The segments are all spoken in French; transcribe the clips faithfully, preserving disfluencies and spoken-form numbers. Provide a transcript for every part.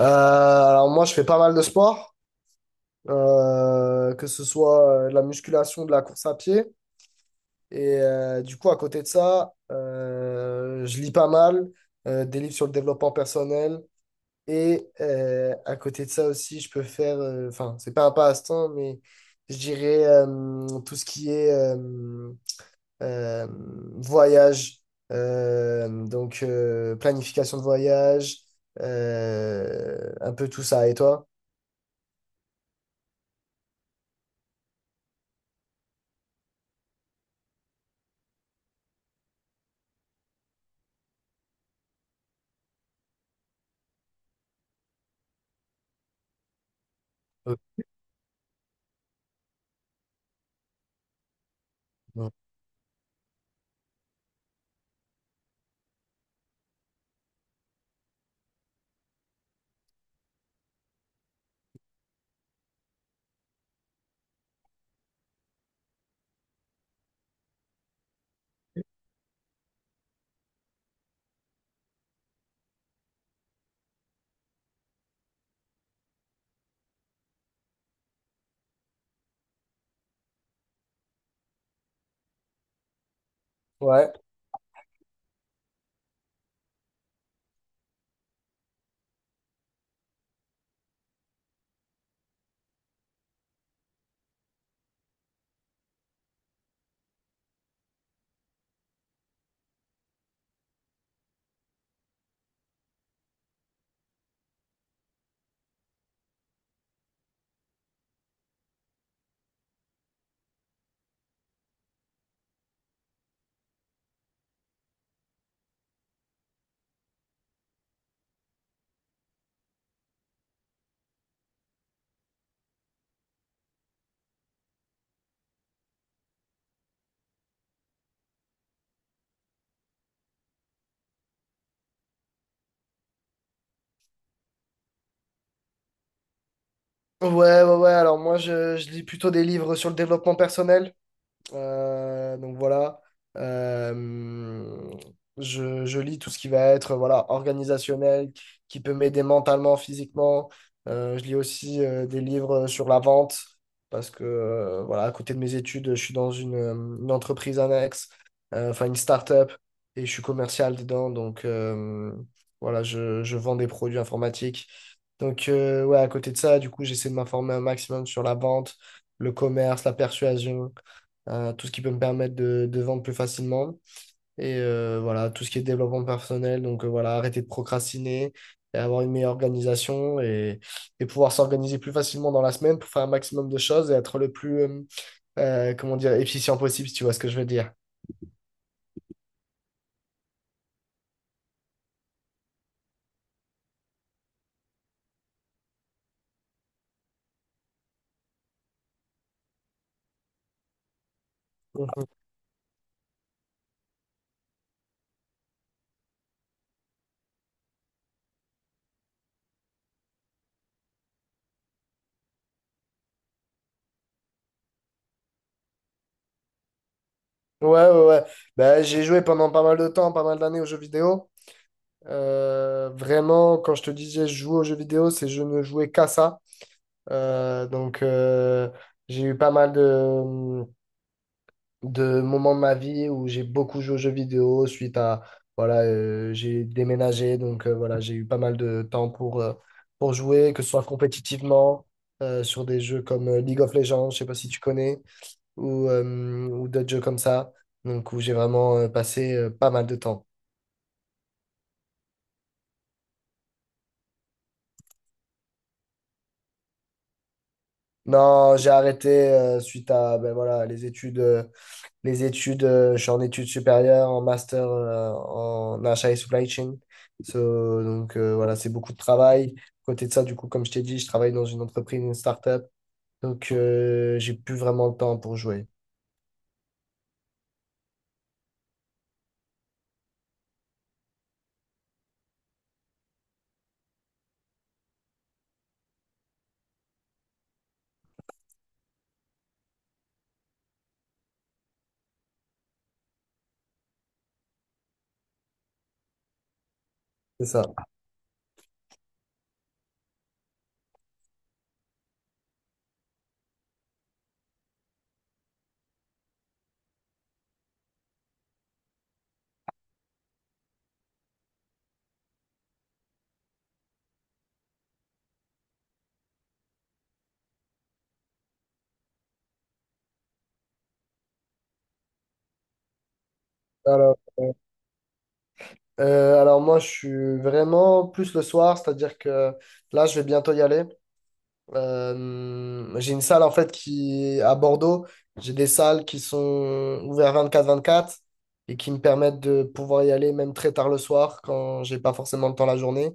Euh, alors moi, je fais pas mal de sport, euh, que ce soit euh, de la musculation, de la course à pied. Et euh, du coup, à côté de ça, euh, je lis pas mal euh, des livres sur le développement personnel. Et euh, à côté de ça aussi, je peux faire, euh, enfin, c'est pas un passe-temps, mais je dirais euh, tout ce qui est euh, euh, voyage, euh, donc euh, planification de voyage, euh, un peu tout ça. Et toi? Euh, Ouais. Ouais, ouais, ouais. Alors moi, je, je lis plutôt des livres sur le développement personnel. Euh, donc voilà. Euh, je, je lis tout ce qui va être voilà, organisationnel, qui peut m'aider mentalement, physiquement. Euh, je lis aussi euh, des livres sur la vente, parce que euh, voilà, à côté de mes études, je suis dans une, euh, une entreprise annexe, euh, enfin une start-up, et je suis commercial dedans. Donc euh, voilà, je, je vends des produits informatiques. Donc euh, ouais, à côté de ça, du coup, j'essaie de m'informer un maximum sur la vente, le commerce, la persuasion, euh, tout ce qui peut me permettre de, de vendre plus facilement. Et euh, voilà, tout ce qui est développement personnel. Donc euh, voilà, arrêter de procrastiner et avoir une meilleure organisation et, et pouvoir s'organiser plus facilement dans la semaine pour faire un maximum de choses et être le plus, euh, euh, comment dire, efficient possible, si tu vois ce que je veux dire. Ouais, ouais, ouais. Bah, j'ai joué pendant pas mal de temps, pas mal d'années aux jeux vidéo. Euh, vraiment, quand je te disais je joue aux jeux vidéo, c'est je ne jouais qu'à ça. Euh, donc, euh, j'ai eu pas mal de, de moments de ma vie où j'ai beaucoup joué aux jeux vidéo suite à, voilà, euh, j'ai déménagé. Donc, euh, voilà, j'ai eu pas mal de temps pour, euh, pour jouer, que ce soit compétitivement, euh, sur des jeux comme euh, League of Legends, je sais pas si tu connais ou, euh, ou d'autres jeux comme ça. Donc, où j'ai vraiment euh, passé euh, pas mal de temps. Non, j'ai arrêté euh, suite à ben, voilà, les études. euh, les études, euh, je suis en études supérieures, en master euh, en achat et supply chain. So, donc, euh, voilà, c'est beaucoup de travail. À côté de ça, du coup, comme je t'ai dit, je travaille dans une entreprise, une start-up. Donc, euh, j'ai plus vraiment le temps pour jouer. C'est ça. Alors, euh, alors moi, je suis vraiment plus le soir, c'est-à-dire que là, je vais bientôt y aller. Euh, j'ai une salle en fait qui à Bordeaux, j'ai des salles qui sont ouvertes vingt-quatre vingt-quatre et qui me permettent de pouvoir y aller même très tard le soir quand j'ai pas forcément le temps la journée.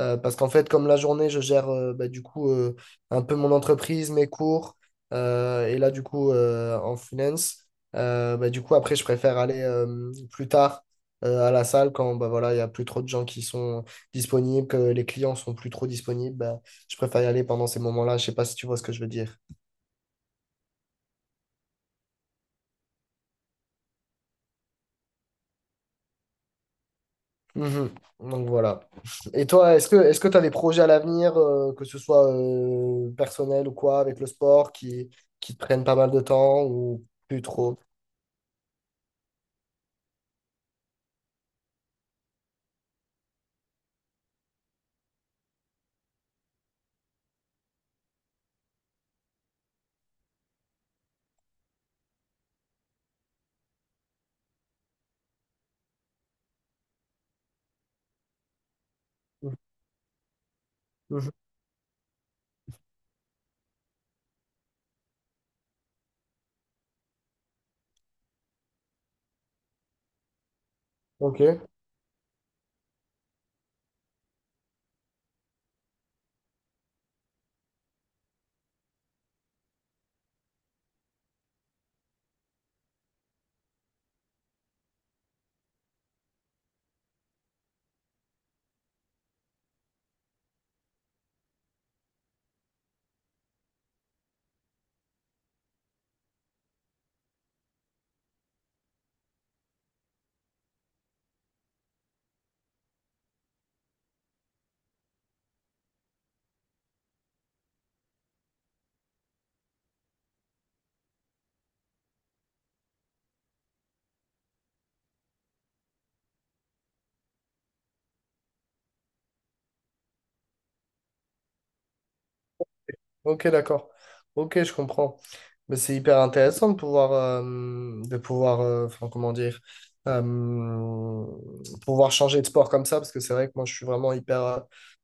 Euh, parce qu'en fait, comme la journée, je gère euh, bah, du coup euh, un peu mon entreprise, mes cours, euh, et là, du coup, euh, en finance, euh, bah, du coup, après, je préfère aller euh, plus tard euh, à la salle quand bah, voilà, il n'y a plus trop de gens qui sont disponibles, que les clients sont plus trop disponibles. Bah, je préfère y aller pendant ces moments-là. Je sais pas si tu vois ce que je veux dire. Mhm. Donc voilà. Et toi, est-ce que est-ce que tu as des projets à l'avenir, euh, que ce soit euh, personnel ou quoi, avec le sport, qui, qui te prennent pas mal de temps ou plus trop? Mhm. Ok, ok, d'accord. Ok, je comprends. Mais c'est hyper intéressant de pouvoir, euh, de pouvoir, euh, enfin, comment dire, euh, pouvoir changer de sport comme ça, parce que c'est vrai que moi, je suis vraiment hyper, euh,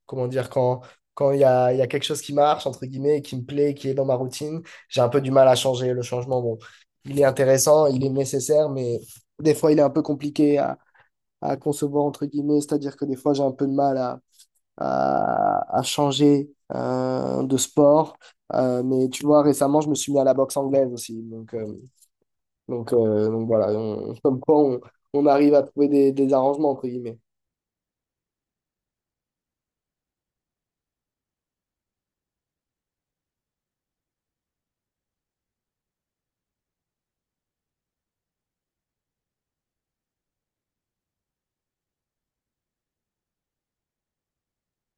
comment dire, quand, quand il y a, il y a quelque chose qui marche, entre guillemets, et qui me plaît, qui est dans ma routine, j'ai un peu du mal à changer. Le changement, bon, il est intéressant, il est nécessaire, mais des fois, il est un peu compliqué à, à concevoir, entre guillemets, c'est-à-dire que des fois, j'ai un peu de mal à à, à changer euh, de sport. Euh, mais tu vois, récemment, je me suis mis à la boxe anglaise aussi. Donc, euh, donc, euh, donc voilà, on, comme quoi on, on arrive à trouver des, des arrangements, entre guillemets.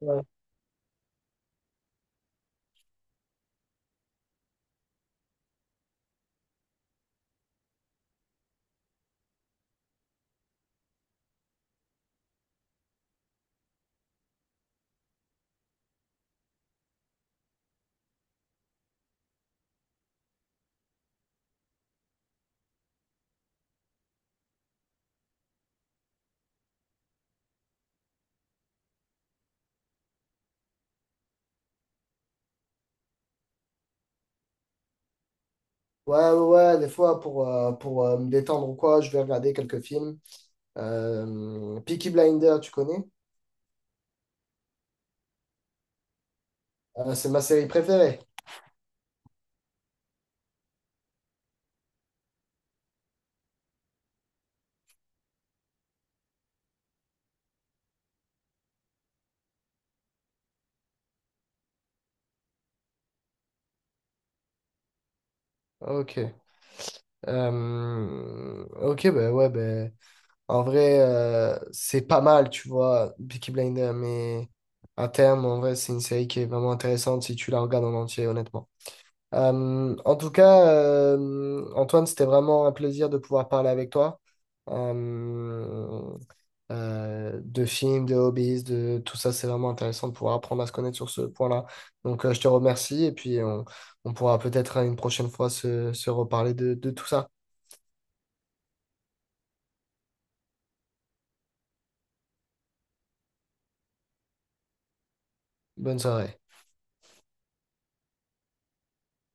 Ouais, ouais, ouais, ouais, des fois, pour, euh, pour euh, me détendre ou quoi, je vais regarder quelques films. Euh, Peaky Blinder, tu connais? Euh, c'est ma série préférée. Ok. Euh, ok, ben ouais, ben en vrai, euh, c'est pas mal, tu vois, Peaky Blinders, mais à terme, en vrai, c'est une série qui est vraiment intéressante si tu la regardes en entier, honnêtement. Euh, en tout cas, euh, Antoine, c'était vraiment un plaisir de pouvoir parler avec toi. Euh, euh, de films, de hobbies, de tout ça, c'est vraiment intéressant de pouvoir apprendre à se connaître sur ce point-là. Donc, euh, je te remercie et puis on, on pourra peut-être une prochaine fois se, se reparler de de tout ça. Bonne soirée.